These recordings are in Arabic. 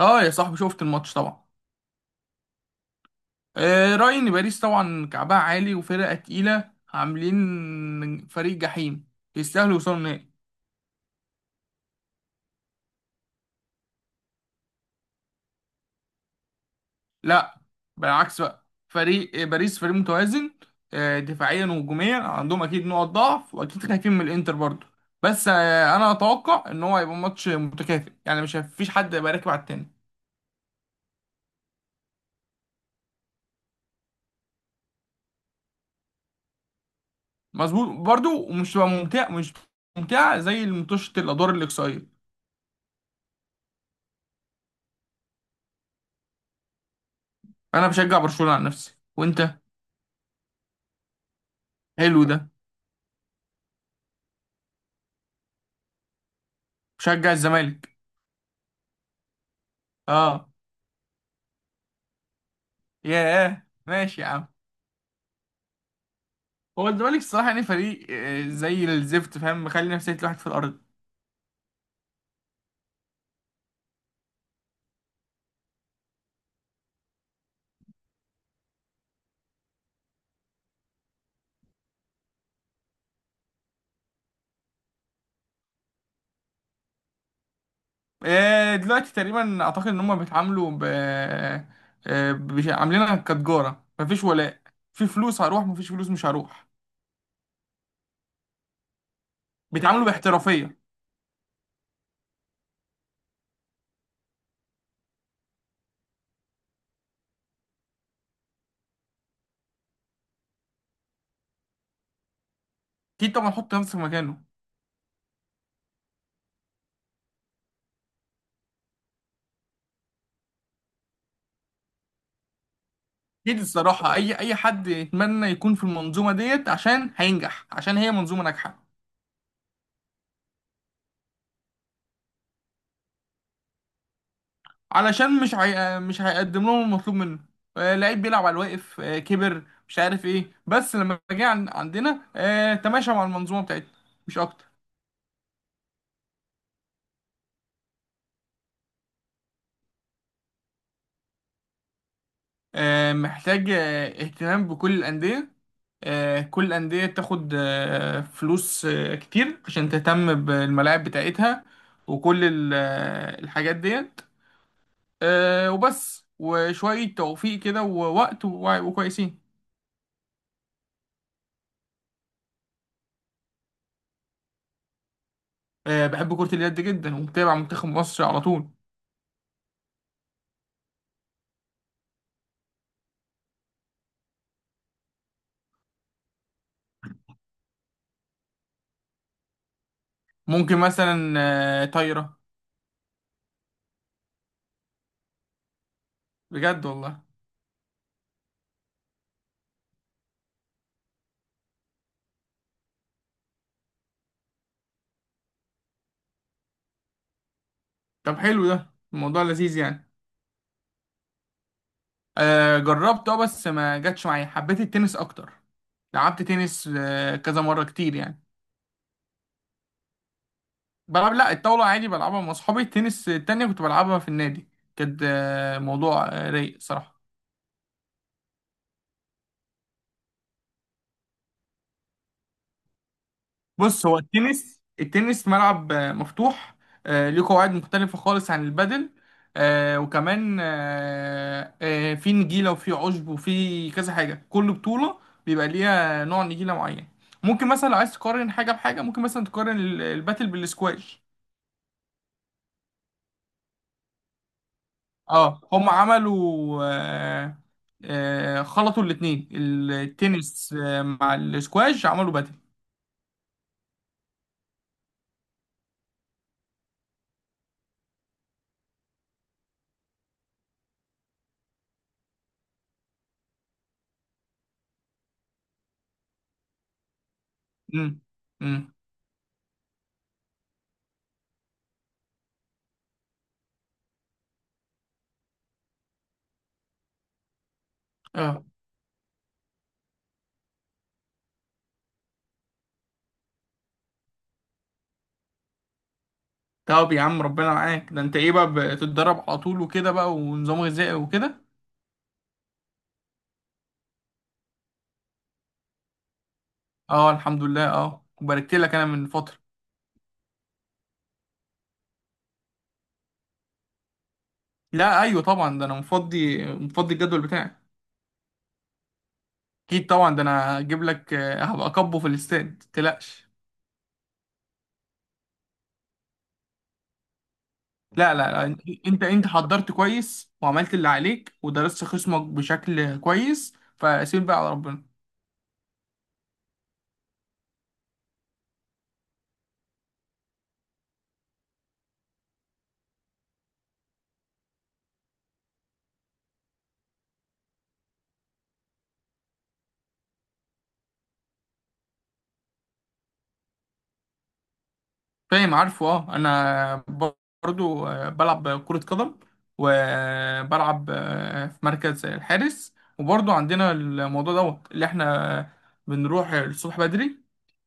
اه يا صاحبي، شفت الماتش طبعا. رأيي ان باريس طبعا كعبها عالي وفرقة تقيلة، عاملين فريق جحيم يستاهلوا يوصلوا النهائي. لا بالعكس، بقى فريق باريس فريق متوازن آه دفاعيا وهجوميا، عندهم اكيد نقط ضعف واكيد خايفين من الانتر برضو. بس انا اتوقع ان هو هيبقى ماتش متكافئ، يعني مش هيفيش حد هيبقى راكب على التاني. مظبوط برضو، ومش هتبقى ممتع، مش ممتعة زي ماتش الادوار الاقصائية. انا بشجع برشلونة عن نفسي، وانت؟ حلو ده، مشجع الزمالك؟ اه. ياه، ماشي يا عم. هو الزمالك الصراحه يعني فريق زي الزفت، فاهم، مخلي نفسيه الواحد في الارض. دلوقتي تقريبا اعتقد ان هم بيتعاملوا عاملينها كتجاره، مفيش ولاء. في فلوس هروح، مفيش فلوس مش هروح. بيتعاملوا باحترافيه. اكيد طبعا، حط نفسك مكانه. اكيد الصراحه اي حد يتمنى يكون في المنظومه ديت، عشان هينجح، عشان هي منظومه ناجحه. علشان مش هيقدم لهم المطلوب منه. لعيب بيلعب على الواقف كبر مش عارف ايه، بس لما جه عندنا تماشى مع المنظومه بتاعتنا، مش اكتر. محتاج اهتمام بكل الانديه. كل الانديه تاخد فلوس كتير، عشان تهتم بالملاعب بتاعتها وكل الحاجات ديت. وبس، وشويه توفيق كده ووقت وكويسين. بحب كره اليد جدا، ومتابع منتخب مصر على طول. ممكن مثلا طايرة. بجد والله؟ طب حلو، ده الموضوع لذيذ يعني. جربت اه، بس ما جاتش معايا، حبيت التنس اكتر. لعبت تنس كذا مرة، كتير يعني. بلعب، لا الطاولة عادي بلعبها مع اصحابي، التنس التانية كنت بلعبها في النادي. كانت موضوع رايق صراحة. بص، هو التنس ملعب مفتوح ليه قواعد مختلفة خالص عن البادل. وكمان في نجيلة وفي عشب وفي كذا حاجة، كل بطولة بيبقى ليها نوع نجيلة معين. ممكن مثلا لو عايز تقارن حاجة بحاجة، ممكن مثلا تقارن الباتل بالسكواش. اه هم عملوا خلطوا الاتنين. التنس مع السكواش، عملوا باتل. امم امم. اه طب يا عم ربنا معاك. ده انت ايه بقى، بتتدرب على طول وكده بقى، ونظام غذائي وكده؟ اه الحمد لله، اه وباركت لك انا من فترة. لا ايوه طبعا، ده انا مفضي، مفضي الجدول بتاعي. اكيد طبعا، ده انا هجيب لك هبقى اكبه في الاستاد، متقلقش. لا انت، انت حضرت كويس وعملت اللي عليك ودرست خصمك بشكل كويس، فسيب بقى على ربنا. فاهم، عارفه اه. انا برضو بلعب كرة قدم، وبلعب في مركز الحارس. وبرضو عندنا الموضوع دوت، اللي احنا بنروح الصبح بدري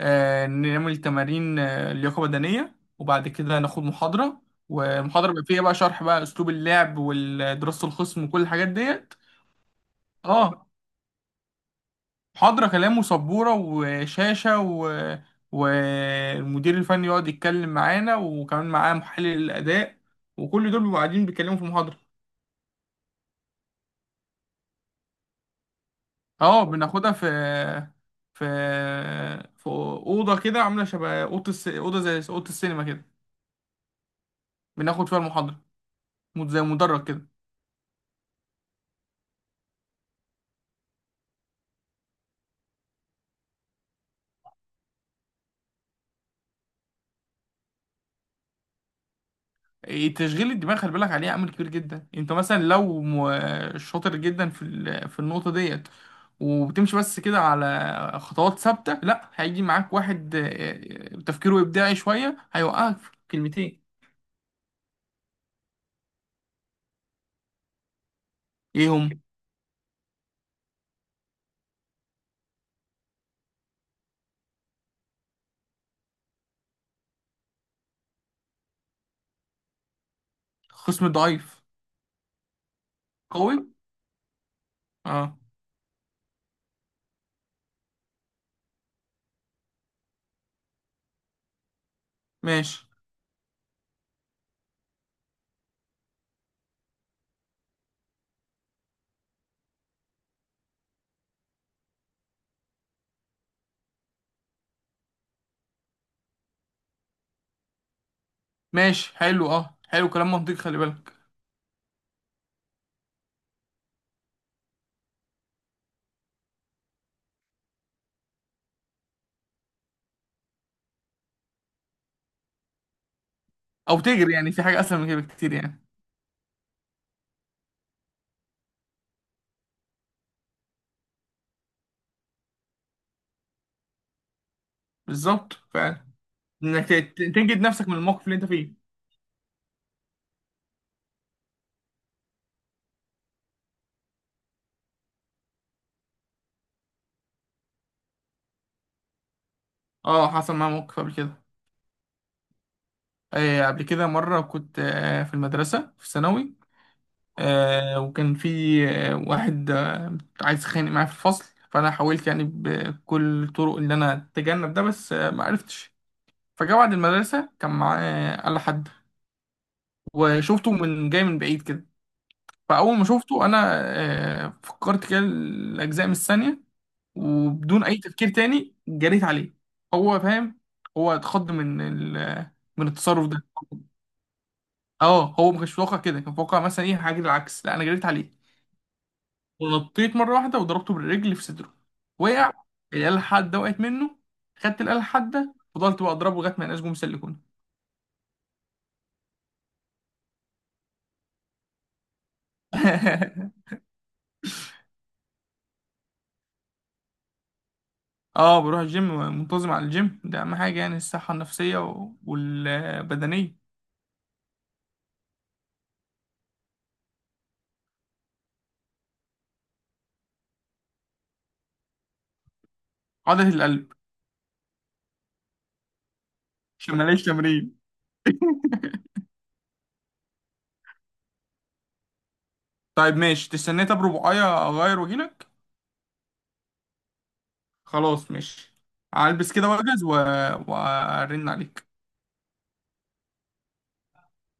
نعمل تمارين لياقة بدنية، وبعد كده ناخد محاضرة. والمحاضرة بيبقى فيها بقى شرح بقى اسلوب اللعب ودراسة الخصم وكل الحاجات ديت. اه محاضرة كلام وسبورة وشاشة، و... والمدير الفني يقعد يتكلم معانا، وكمان معاه محلل الأداء، وكل دول بيبقوا قاعدين بيتكلموا في محاضرة. اه بناخدها في في في أوضة كده، عاملة شبه أوضة زي أوضة السينما كده، بناخد فيها المحاضرة، زي مدرج كده. تشغيل الدماغ خلي بالك عليه، عامل كبير جدا. انت مثلا لو شاطر جدا في في النقطه ديت، وبتمشي بس كده على خطوات ثابته، لا، هيجي معاك واحد تفكيره ابداعي شويه، هيوقعك في كلمتين. ايه هم؟ خصم ضعيف. قوي. اه ماشي. ماشي حلو، اه حلو، كلام منطقي، خلي بالك. او تجري، يعني في حاجه اسهل من كده بكتير يعني. بالظبط فعلا، انك تنجد نفسك من الموقف اللي انت فيه. اه حصل معايا موقف قبل كده. قبل كده مرة كنت في المدرسة في الثانوي وكان في واحد عايز يتخانق معايا في الفصل. فأنا حاولت يعني بكل الطرق إن أنا أتجنب ده، بس ما عرفتش. فجاء بعد المدرسة كان معاه آلة حادة، وشفته من جاي من بعيد كده. فأول ما شفته أنا فكرت كده الأجزاء من الثانية، وبدون أي تفكير تاني جريت عليه. هو فاهم، هو اتخض من من التصرف ده. اه هو ما كانش متوقع كده، كان متوقع مثلا ايه حاجه العكس، لا انا جريت عليه ونطيت مره واحده وضربته بالرجل في صدره. وقع، الاله الحاده وقعت منه، خدت الاله الحاده، فضلت بقى اضربه لغايه ما ينقش جم سلكوني. اه بروح الجيم، منتظم على الجيم، ده اهم حاجه يعني، الصحه النفسيه والبدنيه. عضله القلب. عشان ماليش تمرين. طيب ماشي، تستنى، طب ربعايه اغير واجيلك. خلاص ماشي. هلبس كده واجهز و- وارن عليك.